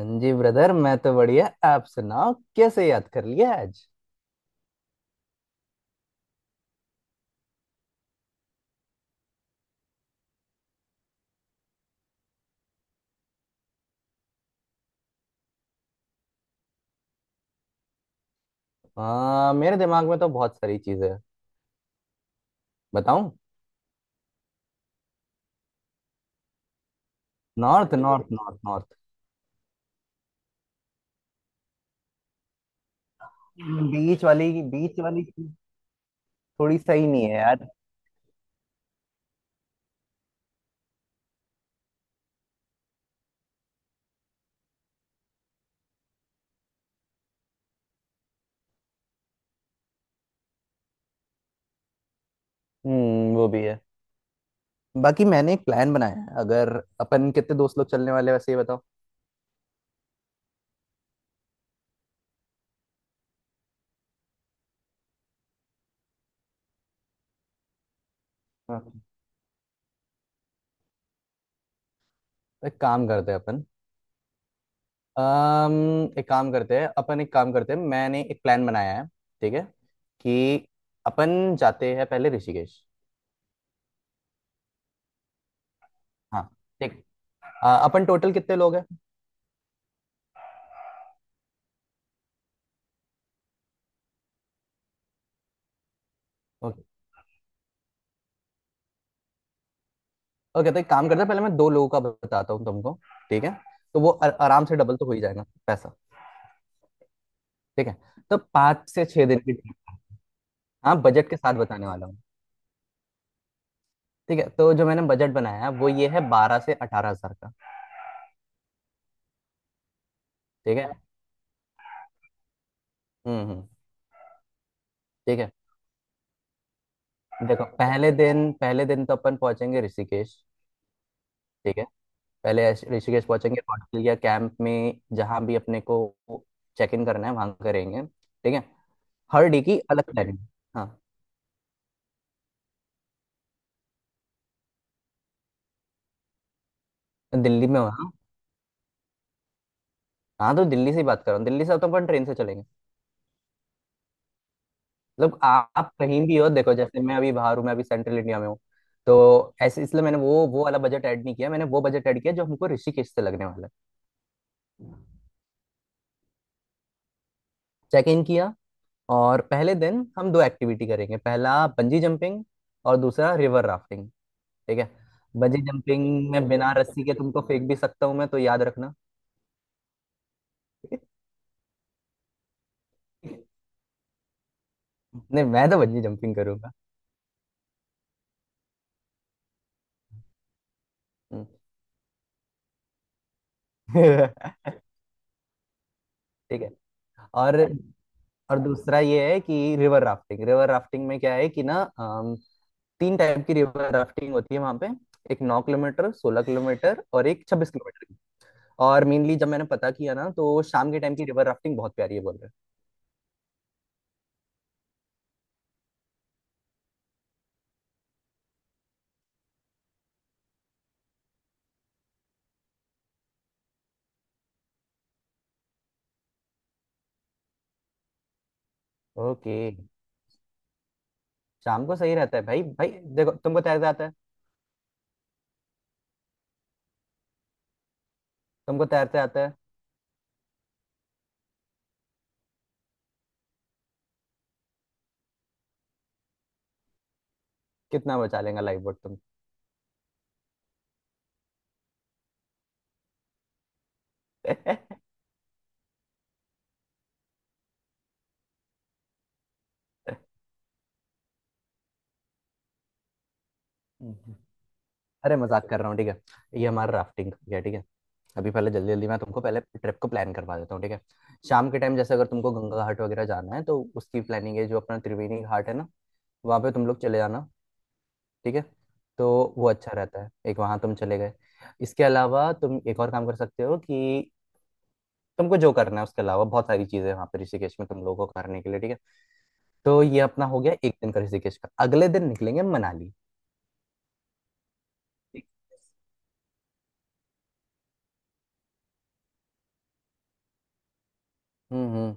हाँ जी ब्रदर, मैं तो बढ़िया। आप सुनाओ, कैसे याद कर लिया आज? मेरे दिमाग में तो बहुत सारी चीजें हैं। बताऊं? North north north north. Beach वाली चीज थोड़ी सही नहीं है यार। हम्म, वो भी है। बाकी मैंने एक प्लान बनाया है, अगर अपन कितने दोस्त लोग चलने वाले हैं, वैसे ये बताओ। हाँ तो एक काम करते हैं अपन अम एक काम करते हैं, मैंने एक प्लान बनाया है। ठीक है कि अपन जाते हैं पहले ऋषिकेश। हाँ, ठीक। अपन टोटल कितने लोग हैं? ओके। ओके, तो एक काम करते हैं, पहले मैं दो लोगों का बताता हूँ तुमको। ठीक है तो वो आराम से डबल तो हो ही जाएगा पैसा। ठीक है, तो 5 से 6 दिन की ट्रिप। हाँ, बजट के साथ बताने वाला हूँ। ठीक है, तो जो मैंने बजट बनाया है वो ये है 12 से 18 हजार का। ठीक है। हम्म। ठीक है, देखो, पहले दिन तो अपन पहुंचेंगे ऋषिकेश। ठीक है। ऋषिकेश पहुंचेंगे, ऑटकिलिया कैंप में। जहाँ भी अपने को चेक इन करना है वहाँ करेंगे, ठीक है। हर डे की अलग प्लानिंग। हाँ, दिल्ली में वहाँ। हाँ, तो दिल्ली से ही बात कर रहा हूँ, दिल्ली से तो अपन ट्रेन से चलेंगे। मतलब आ- आप कहीं भी हो, देखो जैसे मैं अभी बाहर हूँ, मैं अभी सेंट्रल इंडिया में हूँ। तो ऐसे इसलिए मैंने वो वाला बजट ऐड नहीं किया, मैंने वो बजट ऐड किया जो हमको ऋषिकेश से लगने वाला है। चेक इन किया, और पहले दिन हम दो एक्टिविटी करेंगे, पहला बंजी जंपिंग और दूसरा रिवर राफ्टिंग। ठीक है, बंजी जंपिंग में बिना रस्सी के तुमको फेंक भी सकता हूँ मैं, तो याद रखना। नहीं, मैं तो बंजी जंपिंग करूंगा। हम्म। ठीक है। और और दूसरा ये है कि रिवर राफ्टिंग में क्या है कि ना, तीन टाइप की रिवर राफ्टिंग होती है वहां पे। एक 9 किलोमीटर, 16 किलोमीटर और एक 26 किलोमीटर की। और मेनली जब मैंने पता किया ना, तो शाम के टाइम की रिवर राफ्टिंग बहुत प्यारी है बोल रहे हैं। ओके, शाम को सही रहता है भाई भाई। देखो, तुमको तैरते आता है? तुमको तैरते आता है? कितना बचा लेगा लाइफ बोट? तुम अरे मजाक कर रहा हूँ, ठीक है। ये हमारा राफ्टिंग है, ठीक है। अभी पहले जल्दी जल्दी मैं तुमको पहले ट्रिप को प्लान करवा देता हूँ, ठीक है। शाम के टाइम जैसे अगर तुमको गंगा घाट वगैरह जाना है, तो उसकी प्लानिंग है, जो अपना त्रिवेणी घाट है ना, वहाँ पे तुम लोग चले जाना, ठीक है। तो वो अच्छा रहता है, एक वहाँ तुम चले गए। इसके अलावा तुम एक और काम कर सकते हो कि तुमको जो करना है उसके अलावा बहुत सारी चीजें हैं वहाँ पे ऋषिकेश में तुम लोगों को करने के लिए, ठीक है। तो ये अपना हो गया एक दिन का ऋषिकेश का, अगले दिन निकलेंगे मनाली। ठीक? हम्म,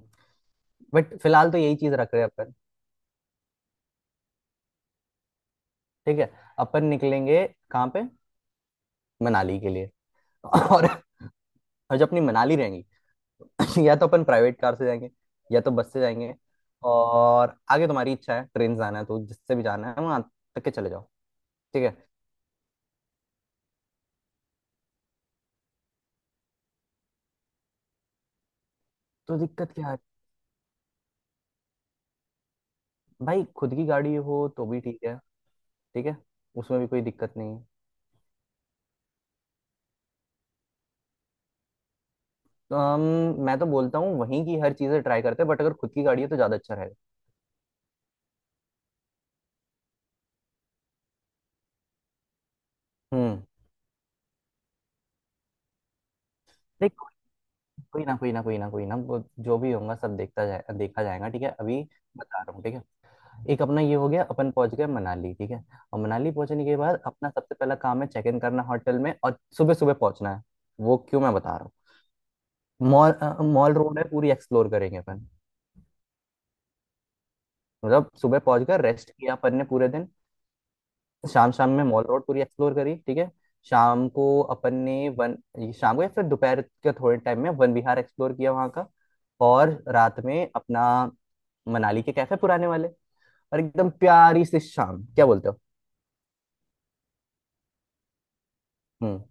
बट फिलहाल तो यही चीज रख रहे हैं अपन। ठीक है, अपन निकलेंगे कहाँ पे? मनाली के लिए। और, और जब अपनी मनाली रहेंगी। या तो अपन प्राइवेट कार से जाएंगे, या तो बस से जाएंगे। और आगे तुम्हारी इच्छा है ट्रेन से जाना है तो जिससे भी जाना है वहां तक के चले जाओ। ठीक है, तो दिक्कत क्या है? भाई खुद की गाड़ी हो तो भी ठीक है, ठीक है। उसमें भी कोई दिक्कत नहीं है। तो हम, मैं तो बोलता हूँ वहीं की हर चीजें ट्राई करते हैं, बट अगर खुद की गाड़ी है तो ज्यादा अच्छा रहेगा। हम्म, कोई ना कोई ना कोई ना कोई ना, वो जो भी होगा सब देखता जाए, देखा जाएगा ठीक है। अभी बता रहा हूँ, ठीक है। एक अपना ये हो गया, अपन पहुंच गए मनाली, ठीक है। और मनाली पहुंचने के बाद अपना सबसे पहला काम है चेक इन करना होटल में, और सुबह सुबह पहुंचना है। वो क्यों, मैं बता रहा हूँ। मॉल रोड है, पूरी एक्सप्लोर करेंगे अपन। मतलब सुबह पहुंच कर रेस्ट किया अपन ने पूरे दिन। शाम शाम में मॉल रोड पूरी एक्सप्लोर करी, ठीक है। शाम को अपन ने वन, ये शाम को या फिर दोपहर के थोड़े टाइम में वन विहार एक्सप्लोर किया वहाँ का। और रात में अपना मनाली के कैफे पुराने वाले, और एकदम प्यारी सी शाम, क्या बोलते हो? हम्म,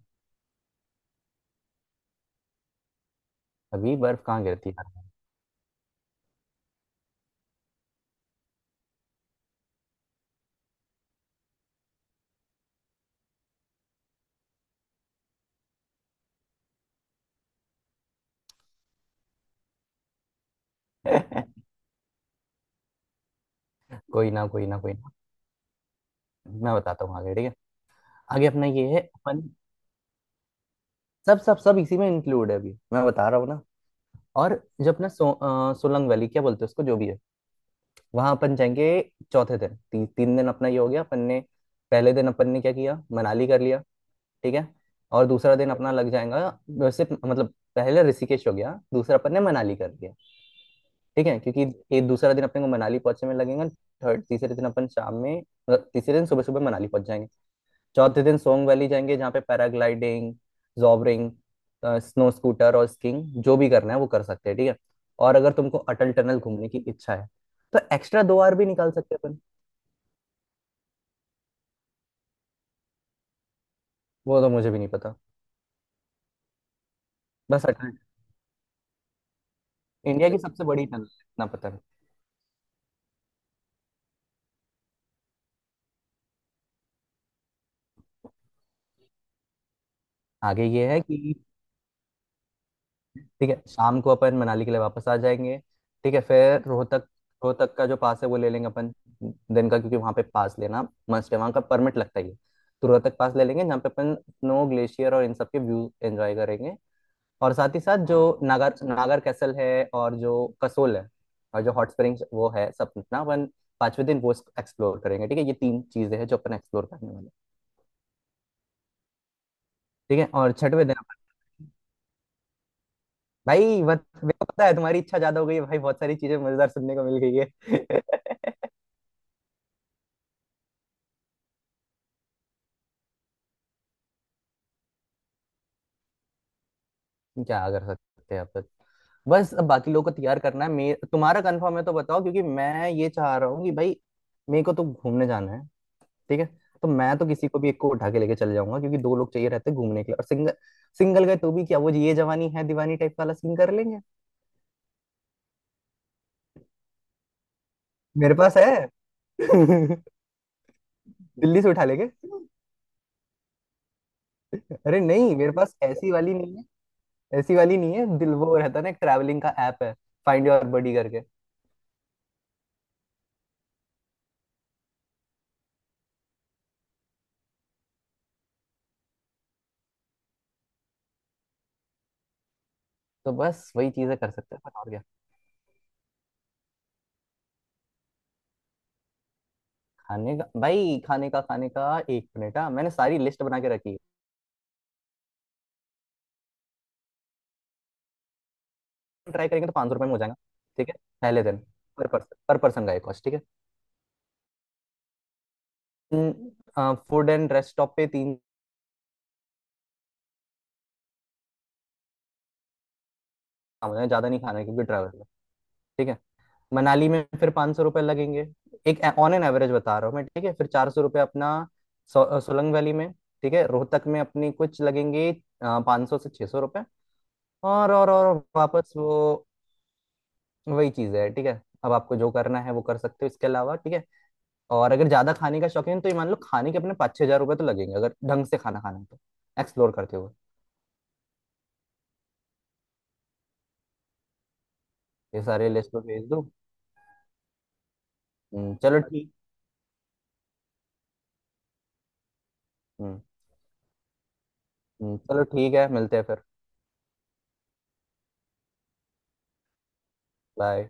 अभी बर्फ कहाँ गिरती है यार? कोई ना कोई ना कोई ना, मैं बताता हूँ आगे, ठीक है। आगे अपना ये है अपन, सब सब सब इसी में इंक्लूड है, अभी मैं बता रहा हूँ ना। और जो अपना सोलंग वैली क्या बोलते हैं उसको, जो भी है, वहां अपन जाएंगे चौथे दिन। तीन दिन अपना ये हो गया, अपन ने पहले दिन अपन ने क्या किया, मनाली कर लिया। ठीक है, और दूसरा दिन अपना लग जाएगा। वैसे मतलब पहले ऋषिकेश हो गया, दूसरा अपन ने मनाली कर दिया, ठीक है। क्योंकि ये दूसरा दिन अपने को मनाली पहुंचने में लगेगा। थर्ड, तीसरे दिन अपन शाम में, मतलब तीसरे दिन सुबह सुबह मनाली पहुंच जाएंगे। चौथे दिन सोंग वैली जाएंगे, जहाँ पे पैराग्लाइडिंग, जॉबरिंग, स्नो स्कूटर और स्कीइंग, जो भी करना है वो कर सकते हैं, ठीक है। और अगर तुमको अटल टनल घूमने की इच्छा है, तो एक्स्ट्रा 2 आवर भी निकाल सकते हैं अपन। वो तो मुझे भी नहीं पता, बस अटल, इंडिया की सबसे बड़ी टनल है, इतना पता है। आगे ये है कि, ठीक है, शाम को अपन मनाली के लिए वापस आ जाएंगे। ठीक है, फिर रोहतक, रोहतक का जो पास है वो ले लेंगे अपन, दिन का। क्योंकि वहाँ पे पास लेना मस्ट है, वहाँ का परमिट लगता ही है। तो रोहतक पास ले लेंगे, जहाँ पे अपन स्नो ग्लेशियर और इन सब के व्यू एंजॉय करेंगे। और साथ ही साथ जो नागर नागर कैसल है, और जो कसोल है, और जो हॉट स्प्रिंग्स वो है, सब अपना अपन पांचवें दिन वो एक्सप्लोर करेंगे, ठीक है। ये तीन चीजें हैं जो अपन एक्सप्लोर करने वाले हैं। ठीक है, और छठवें दिन अपन, मेरे को पता है तुम्हारी इच्छा ज्यादा हो गई है भाई, बहुत सारी चीजें मजेदार सुनने को मिल गई है। क्या कर सकते हैं अपन। बस अब बाकी लोगों को तैयार करना है, मे तुम्हारा कंफर्म है तो बताओ, क्योंकि मैं ये चाह रहा हूँ कि भाई मेरे को तो घूमने जाना है, ठीक है। तो मैं तो किसी को भी एक को उठा के लेके चले जाऊंगा, क्योंकि दो लोग चाहिए रहते हैं घूमने के लिए। और सिंगल सिंगल गए तो भी क्या, वो ये जवानी है दीवानी टाइप वाला सीन कर लेंगे। मेरे पास है। दिल्ली से उठा लेंगे। अरे नहीं, मेरे पास ऐसी वाली नहीं, ऐसी वाली नहीं है। दिल वो रहता है ना, एक ट्रैवलिंग का ऐप है फाइंड योर बडी करके। तो बस वही चीजें कर सकते हैं पर, और क्या? खाने का, भाई खाने का, खाने का एक मिनट, हाँ मैंने सारी लिस्ट बना के रखी है। ट्राई करेंगे तो 500 रुपये में हो जाएगा, ठीक है, पहले दिन। पर पर्सन, पर पर्सन का ये कॉस्ट, ठीक है, फूड एंड रेस्ट स्टॉप पे तीन काम हो जाए, ज़्यादा नहीं खाना है क्योंकि ट्रैवल, ठीक है। मनाली में फिर 500 रुपये लगेंगे, एक ऑन एन एवरेज बता रहा हूँ मैं, ठीक है। फिर 400 रुपये अपना सोलंग वैली में, ठीक है। रोहतक में अपनी कुछ लगेंगे, 500 से 600 रुपये। और वापस वो, वही चीज़ है, ठीक है। अब आपको जो करना है वो कर सकते हो इसके अलावा, ठीक है। और अगर ज़्यादा खाने का शौकीन, तो ये मान लो खाने के अपने 5-6 हज़ार रुपये तो लगेंगे, अगर ढंग से खाना खाना है तो, एक्सप्लोर करते हुए। ये सारे लिस्ट पे भेज दो। चलो ठीक। हम्म चलो ठीक है, मिलते हैं फिर। बाय।